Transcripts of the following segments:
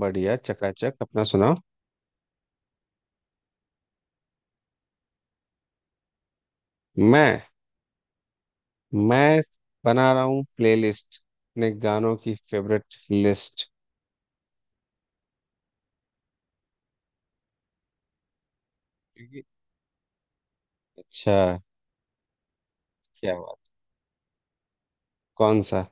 बढ़िया चकाचक अपना सुनाओ। मैं मैं बना रहा हूँ प्लेलिस्ट अपने गानों की फेवरेट लिस्ट। क्योंकि अच्छा क्या बात। कौन सा?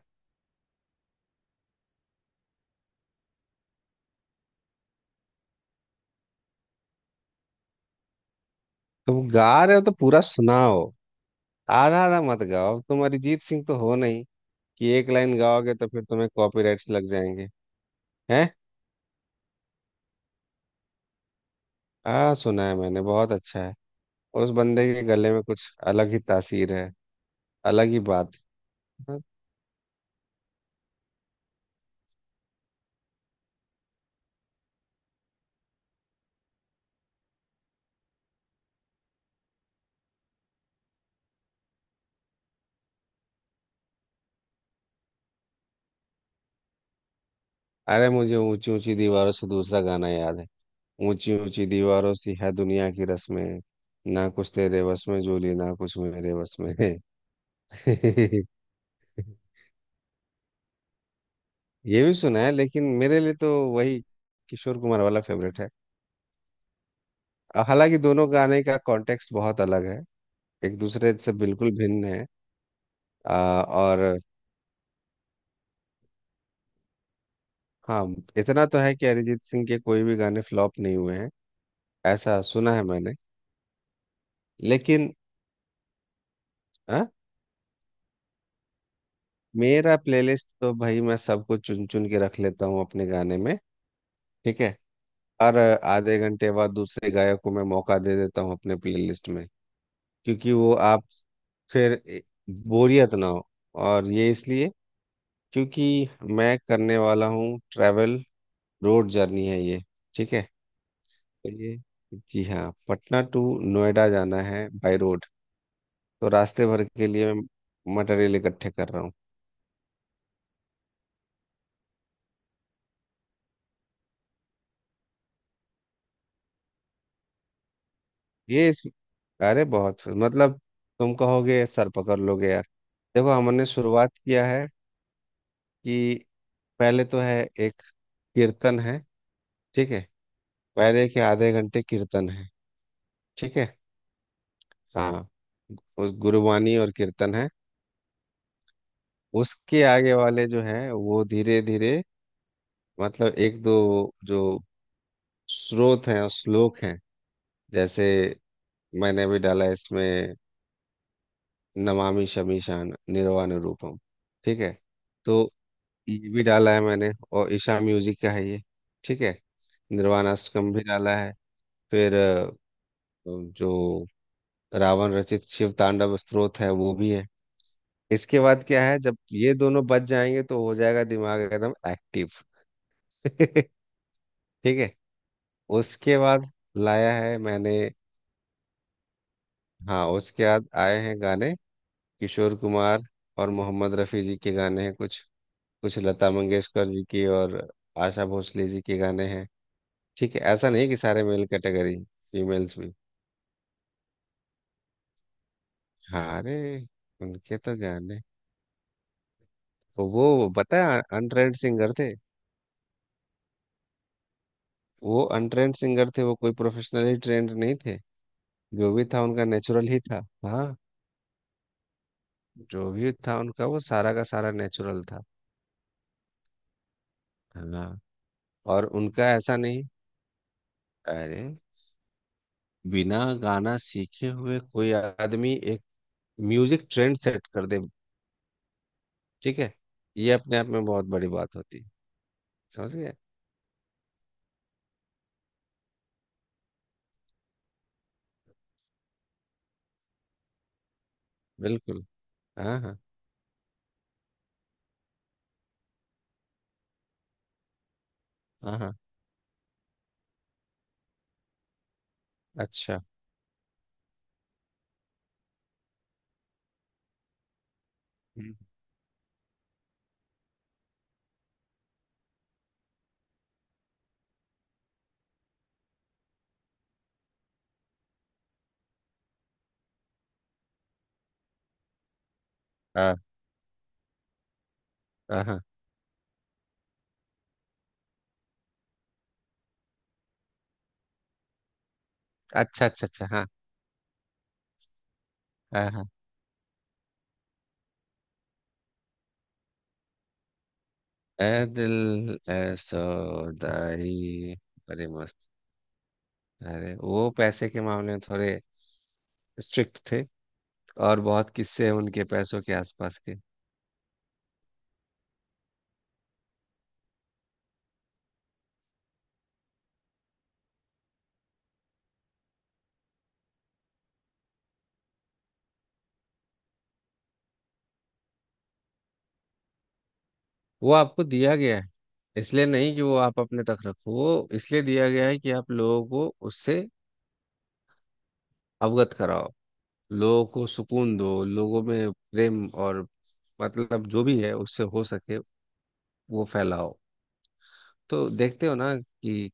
तुम गा रहे हो तो पूरा सुनाओ। आधा आधा मत गाओ, तुम अरिजीत सिंह तो हो नहीं कि एक लाइन गाओगे तो फिर तुम्हें कॉपीराइट्स लग जाएंगे। हैं? हाँ, सुना है मैंने, बहुत अच्छा है। उस बंदे के गले में कुछ अलग ही तासीर है। अलग ही बात है। अरे मुझे ऊंची ऊंची दीवारों से दूसरा गाना याद है। ऊंची ऊंची दीवारों सी है दुनिया की रस्में, ना कुछ तेरे वश में जोली, ना कुछ मेरे वश में है। ये भी सुना है लेकिन मेरे लिए तो वही किशोर कुमार वाला फेवरेट है। हालांकि दोनों गाने का कॉन्टेक्स्ट बहुत अलग है, एक दूसरे से बिल्कुल भिन्न है। और, हाँ, इतना तो है कि अरिजीत सिंह के कोई भी गाने फ्लॉप नहीं हुए हैं, ऐसा सुना है मैंने। लेकिन, हाँ, मेरा प्लेलिस्ट तो भाई मैं सबको चुन चुन के रख लेता हूँ अपने गाने में। ठीक है। और आधे घंटे बाद दूसरे गायक को मैं मौका दे देता हूँ अपने प्लेलिस्ट में, क्योंकि वो आप फिर बोरियत ना हो। और ये इसलिए क्योंकि मैं करने वाला हूँ ट्रैवल। रोड जर्नी है ये। ठीक है। तो ये, जी हाँ, पटना टू नोएडा जाना है बाय रोड। तो रास्ते भर के लिए मैं मटेरियल इकट्ठे कर रहा हूँ। ये इस, अरे बहुत मतलब, तुम कहोगे सर पकड़ लोगे यार। देखो, हमने शुरुआत किया है कि पहले तो है एक कीर्तन है। ठीक है। पहले के आधे घंटे कीर्तन है। ठीक है। हाँ। उस गुरुवाणी और कीर्तन है। उसके आगे वाले जो है वो धीरे धीरे, मतलब एक दो जो स्रोत हैं और श्लोक हैं। जैसे मैंने भी डाला है इसमें, नमामि शमीशान निर्वाण रूपम। ठीक है। तो ये भी डाला है मैंने, और ईशा म्यूजिक का है ये। ठीक है। निर्वाणाष्टकम भी डाला है। फिर जो रावण रचित शिव तांडव स्तोत्र है वो भी है। इसके बाद क्या है, जब ये दोनों बच जाएंगे तो हो जाएगा दिमाग एकदम एक्टिव। ठीक है। उसके बाद लाया है मैंने। हाँ उसके बाद आए हैं गाने किशोर कुमार और मोहम्मद रफ़ी जी के गाने हैं कुछ, कुछ लता मंगेशकर जी की, और आशा भोसले जी के गाने हैं। ठीक है, ऐसा नहीं कि सारे मेल कैटेगरी, फीमेल्स भी। हाँ, अरे उनके तो गाने, तो वो पता है अनट्रेंड सिंगर थे। वो अनट्रेंड सिंगर थे, वो कोई प्रोफेशनली ट्रेंड नहीं थे। जो भी था उनका नेचुरल ही था। हाँ, जो भी था उनका वो सारा का सारा नेचुरल था। हाँ। और उनका ऐसा नहीं, अरे बिना गाना सीखे हुए कोई आदमी एक म्यूजिक ट्रेंड सेट कर दे। ठीक है। ये अपने आप में बहुत बड़ी बात होती है। समझ गए। बिल्कुल। हाँ हाँ हाँ हाँ। अच्छा। हम्म, हाँ हाँ हाँ। अच्छा अच्छा अच्छा। हाँ हाँ हाँ। ए दिल, ए सौदाई। बड़े मस्त, अरे वो पैसे के मामले में थोड़े स्ट्रिक्ट थे। और बहुत किस्से हैं उनके पैसों के आसपास के। वो आपको दिया गया है, इसलिए नहीं कि वो आप अपने तक रखो। वो इसलिए दिया गया है कि आप लोगों को उससे अवगत कराओ। लोगों को सुकून दो, लोगों में प्रेम, और मतलब जो भी है उससे हो सके वो फैलाओ। तो देखते हो ना कि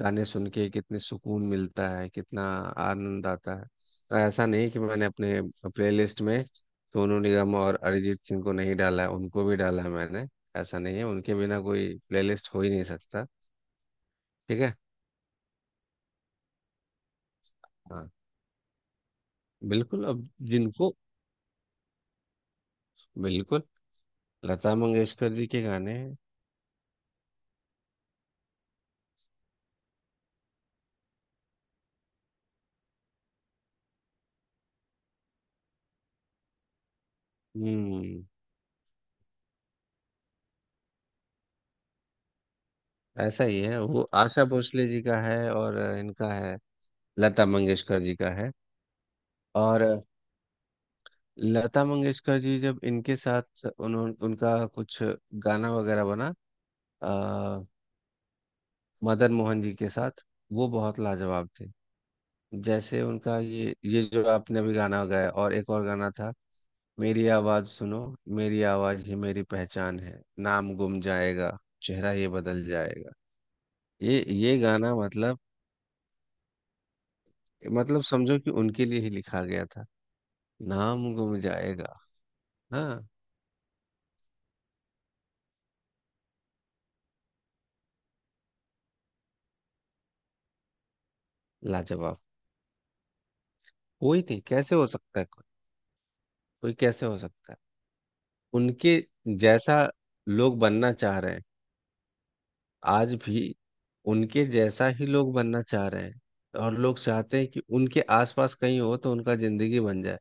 गाने सुन के कितने सुकून मिलता है, कितना आनंद आता है। और ऐसा नहीं कि मैंने अपने प्लेलिस्ट में सोनू निगम और अरिजीत सिंह को नहीं डाला है, उनको भी डाला है मैंने। ऐसा नहीं है उनके बिना कोई प्लेलिस्ट हो ही नहीं सकता। ठीक है। हाँ बिल्कुल अब जिनको, बिल्कुल। लता मंगेशकर जी के गाने हैं। हम्म। ऐसा ही है, वो आशा भोसले जी का है और इनका है, लता मंगेशकर जी का है। और लता मंगेशकर जी जब इनके साथ उन्होंने उनका कुछ गाना वगैरह बना, आ, मदन मोहन जी के साथ। वो बहुत लाजवाब थे। जैसे उनका ये जो आपने अभी गाना गाया, और एक और गाना था, मेरी आवाज सुनो, मेरी आवाज ही मेरी पहचान है, नाम गुम जाएगा, चेहरा ये बदल जाएगा। ये गाना मतलब, मतलब समझो कि उनके लिए ही लिखा गया था। नाम गुम जाएगा। हाँ लाजवाब। कोई नहीं, कैसे हो सकता है कोई? कोई कैसे हो सकता है? उनके जैसा लोग बनना चाह रहे हैं, आज भी। उनके जैसा ही लोग बनना चाह रहे हैं। और लोग चाहते हैं कि उनके आसपास कहीं हो तो उनका जिंदगी बन जाए।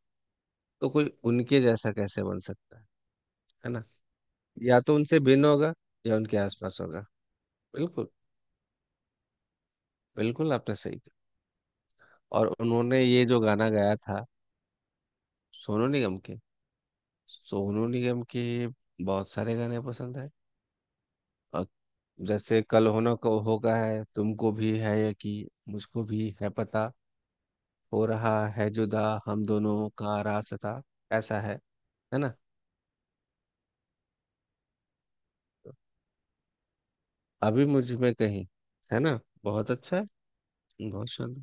तो कोई उनके जैसा कैसे बन सकता है ना? या तो उनसे भिन्न होगा, या उनके आसपास होगा। बिल्कुल। बिल्कुल आपने सही कहा। और उन्होंने ये जो गाना गाया था। सोनू निगम के, सोनू निगम के बहुत सारे गाने पसंद है। अ, जैसे कल होना को होगा, है तुमको भी है यकीन, मुझको भी है पता, हो रहा है जुदा हम दोनों का रास्ता। ऐसा है ना। अभी मुझ में कहीं, है ना। बहुत अच्छा है। बहुत शानदार।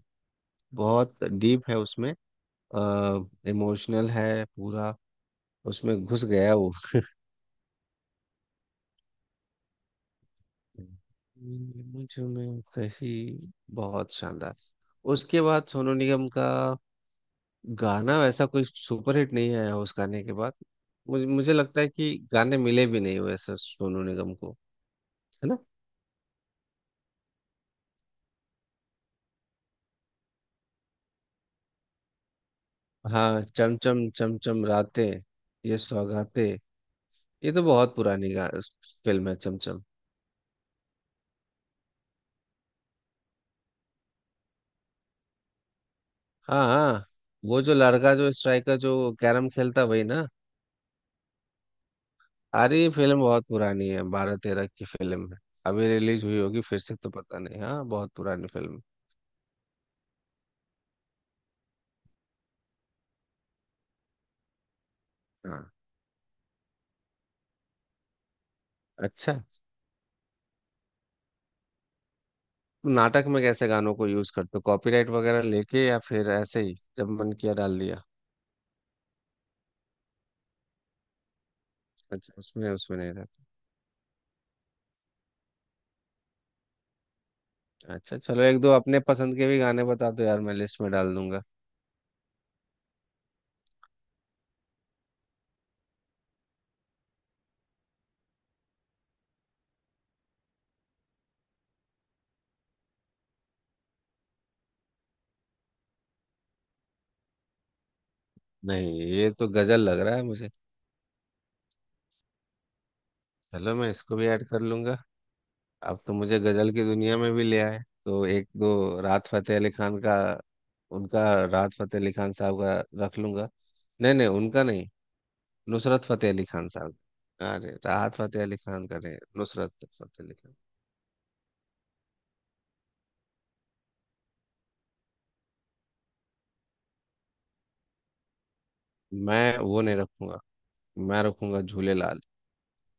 बहुत डीप है उसमें, इमोशनल है पूरा। उसमें घुस गया वो। मुझ में कहीं, बहुत शानदार। उसके बाद सोनू निगम का गाना वैसा कोई सुपरहिट नहीं आया उस गाने के बाद। मुझे मुझे लगता है कि गाने मिले भी नहीं वैसे सोनू निगम को, है ना। हाँ चम चम चम चम रातें, ये सौगातें। ये तो बहुत पुरानी गा फिल्म है, चम चम। हाँ हाँ, वो जो लड़का जो स्ट्राइकर जो कैरम खेलता वही ना। अरे ये फिल्म बहुत पुरानी है, 12-13 की फिल्म है। अभी रिलीज हुई होगी फिर से तो पता नहीं। हाँ बहुत पुरानी फिल्म है। हाँ अच्छा। नाटक में कैसे गानों को यूज करते हो? कॉपीराइट वगैरह लेके, या फिर ऐसे ही जब मन किया डाल दिया? अच्छा उसमें उसमें नहीं रहता। अच्छा चलो एक दो अपने पसंद के भी गाने बता दो यार, मैं लिस्ट में डाल दूंगा। नहीं, ये तो गजल लग रहा है मुझे। चलो मैं इसको भी ऐड कर लूंगा। अब तो मुझे गजल की दुनिया में भी ले आए। तो एक दो राहत फतेह अली खान का। उनका राहत फतेह अली खान साहब का रख लूंगा। नहीं नहीं उनका नहीं, नुसरत फतेह अली खान साहब। अरे राहत फतेह अली खान का नहीं, नुसरत फतेह अली खान। मैं वो नहीं रखूंगा, मैं रखूंगा झूले लाल,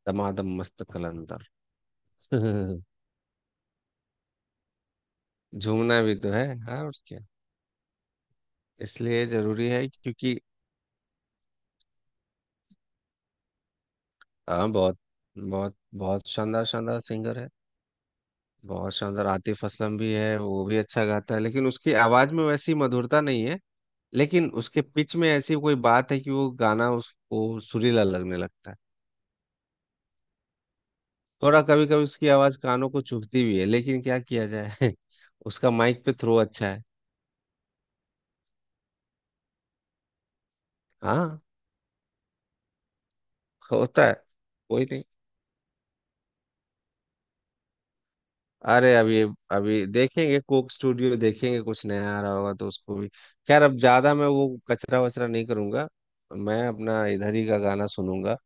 दमादम मस्त कलंदर। झूमना भी तो है, हाँ और क्या। इसलिए जरूरी है क्योंकि। हाँ बहुत, बहुत बहुत शानदार शानदार सिंगर है। बहुत शानदार। आतिफ असलम भी है, वो भी अच्छा गाता है, लेकिन उसकी आवाज में वैसी मधुरता नहीं है। लेकिन उसके पिच में ऐसी कोई बात है कि वो गाना उसको सुरीला लगने लगता है। थोड़ा कभी कभी उसकी आवाज कानों को चुभती भी है, लेकिन क्या किया जाए। उसका माइक पे थ्रो अच्छा है। हाँ होता है। कोई नहीं। अरे अभी, अभी देखेंगे कोक स्टूडियो, देखेंगे कुछ नया आ रहा होगा तो उसको भी। खैर अब ज्यादा मैं वो कचरा वचरा नहीं करूंगा, मैं अपना इधर ही का गाना सुनूंगा।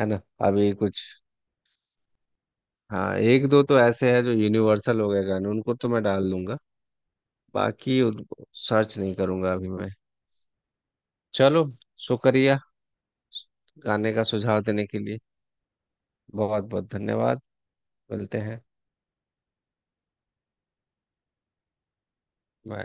है ना। अभी कुछ, हाँ एक दो तो ऐसे हैं जो यूनिवर्सल हो गए गाने, उनको तो मैं डाल दूंगा। बाकी उनको सर्च नहीं करूंगा अभी मैं। चलो, शुक्रिया। गाने का सुझाव देने के लिए बहुत बहुत धन्यवाद। मिलते हैं। Bye.